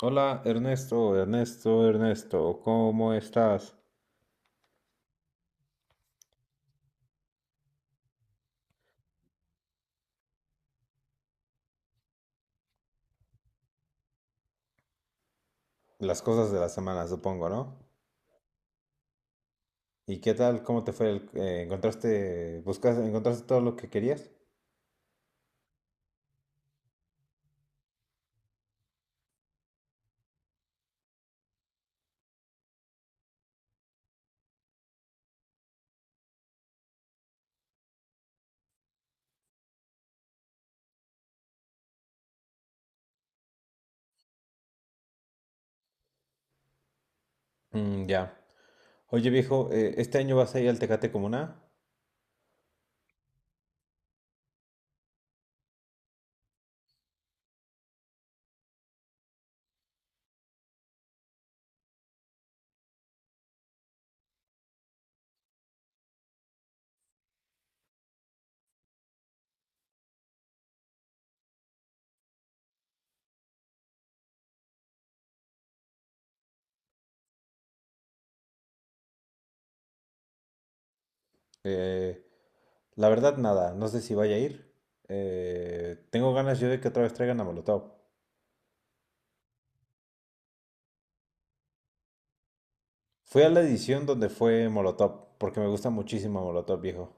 Hola Ernesto, Ernesto, Ernesto, ¿cómo estás? Las cosas de la semana, supongo, ¿no? ¿Y qué tal? ¿Cómo te fue? ¿Encontraste, buscas, encontraste todo lo que querías? Mm, ya. Oye viejo, ¿este año vas a ir al Tecate Comuna? Eh, la verdad, nada, no sé si vaya a ir. Tengo ganas yo de que otra vez traigan a Molotov. Fui a la edición donde fue Molotov, porque me gusta muchísimo Molotov, viejo.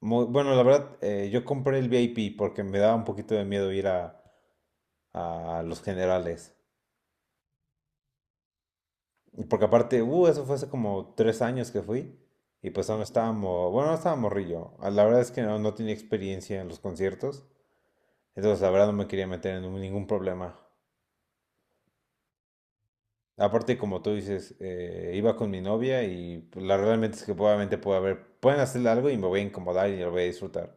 Bueno, la verdad, yo compré el VIP porque me daba un poquito de miedo ir a los generales. Y porque aparte, eso fue hace como tres años que fui. Y pues aún estábamos, bueno, no estaba morrillo. Ah, la verdad es que no, no tenía experiencia en los conciertos. Entonces, la verdad, no me quería meter en ningún problema. Aparte, como tú dices, iba con mi novia y pues, la realmente es que probablemente puede haber, pueden hacerle algo y me voy a incomodar y lo voy a disfrutar.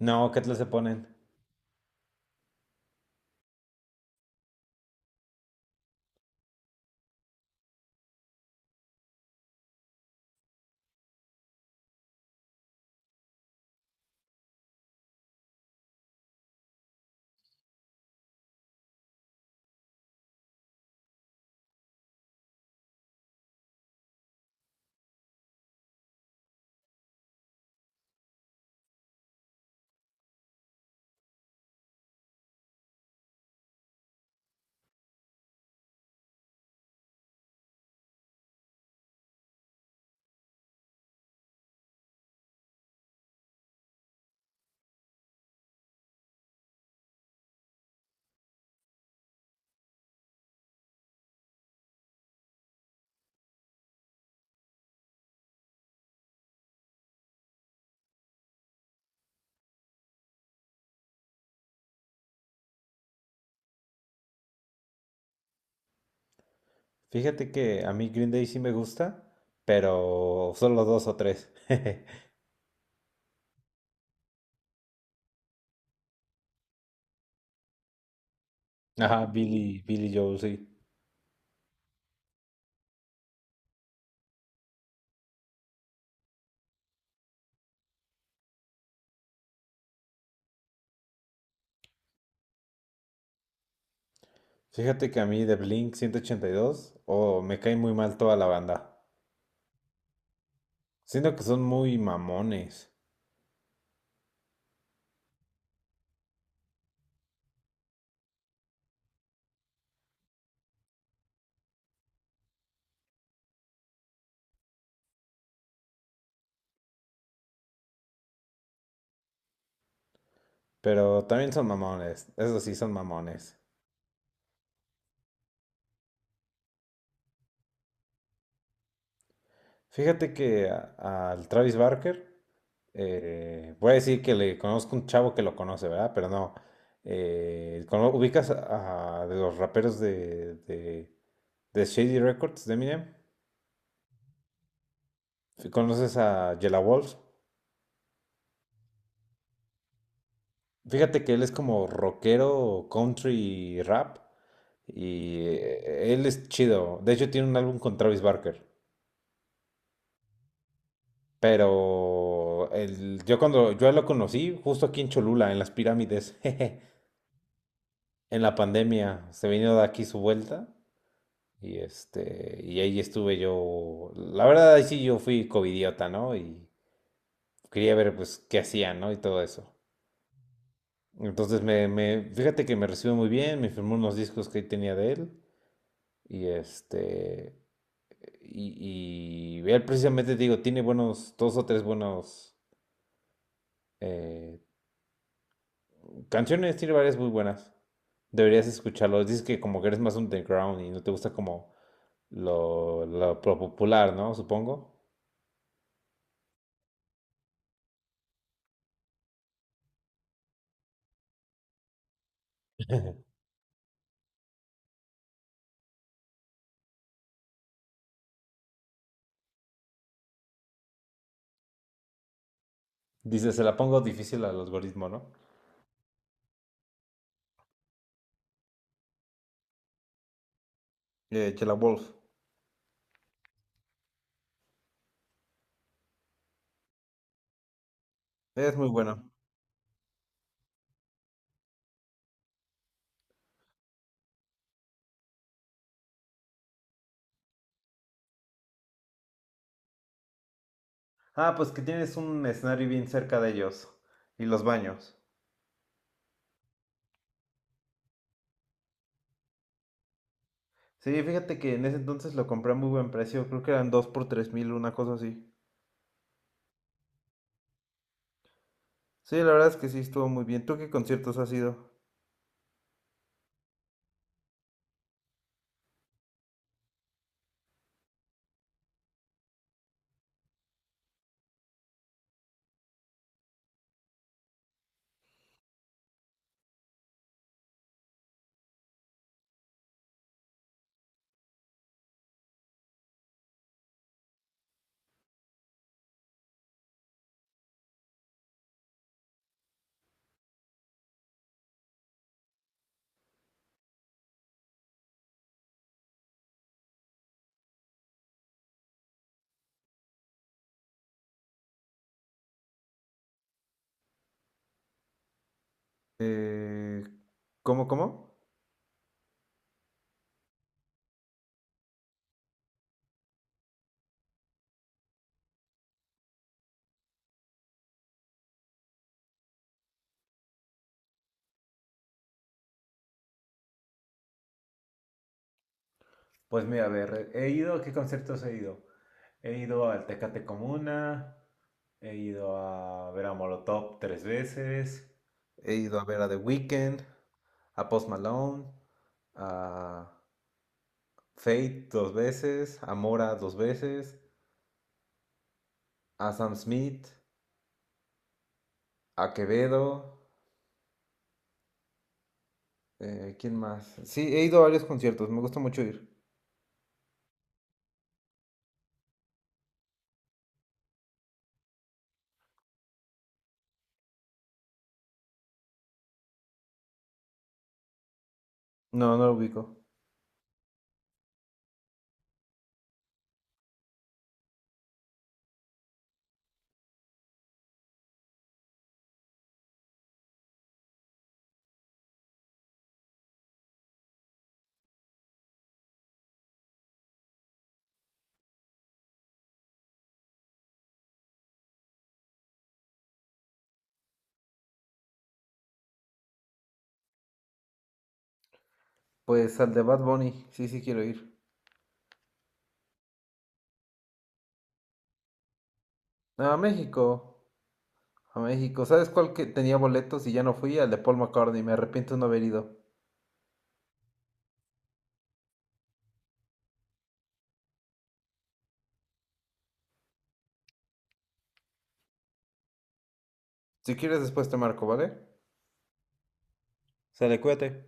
No, ¿qué tal se ponen? Fíjate que a mí Green Day sí me gusta, pero solo dos o tres. Ajá, Billy Joel, sí. Fíjate que a mí de Blink 182, oh, me cae muy mal toda la banda. Siento que son muy mamones, pero también son mamones, eso sí, son mamones. Fíjate que al Travis Barker, voy a decir que le conozco un chavo que lo conoce, ¿verdad? Pero no. ¿Ubicas a de los raperos de Shady Records, de Eminem? ¿Conoces a Jella Wolf? Fíjate que él es como rockero, country, rap. Y él es chido. De hecho, tiene un álbum con Travis Barker. Pero yo cuando yo lo conocí, justo aquí en Cholula, en las pirámides, jeje, en la pandemia, se vino de aquí su vuelta. Y este, y ahí estuve yo. La verdad, ahí sí yo fui covidiota, ¿no? Y quería ver pues qué hacían, ¿no? Y todo eso. Entonces fíjate que me recibió muy bien, me firmó unos discos que tenía de él. Y este, y él precisamente, te digo, tiene buenos, dos o tres buenos eh, canciones, tiene varias muy buenas. Deberías escucharlo. Dices que como que eres más underground y no te gusta como lo popular, ¿no? Supongo. Dices se la pongo difícil al algoritmo, ¿no? Chela Wolf. Es muy bueno. Ah, pues que tienes un escenario bien cerca de ellos. Y los baños. Sí, fíjate que en ese entonces lo compré a muy buen precio. Creo que eran 2 por 3000, una cosa así. Sí, la verdad es que sí estuvo muy bien. ¿Tú qué conciertos has ido? Eh, ¿Cómo, cómo? Pues mira, a ver, he ido, ¿a qué conciertos he ido? He ido al Tecate Comuna, he ido a ver a Molotov tres veces. He ido a ver a The Weeknd, a Post Malone, a Fate dos veces, a Mora dos veces, a Sam Smith, a Quevedo, ¿quién más? Sí, he ido a varios conciertos, me gusta mucho ir. No, no lo ubico. Pues al de Bad Bunny, sí, sí quiero ir. No, a México, a México. ¿Sabes cuál que tenía boletos y ya no fui? Al de Paul McCartney, me arrepiento de no haber ido. Si quieres después te marco, ¿vale? Sale, cuídate.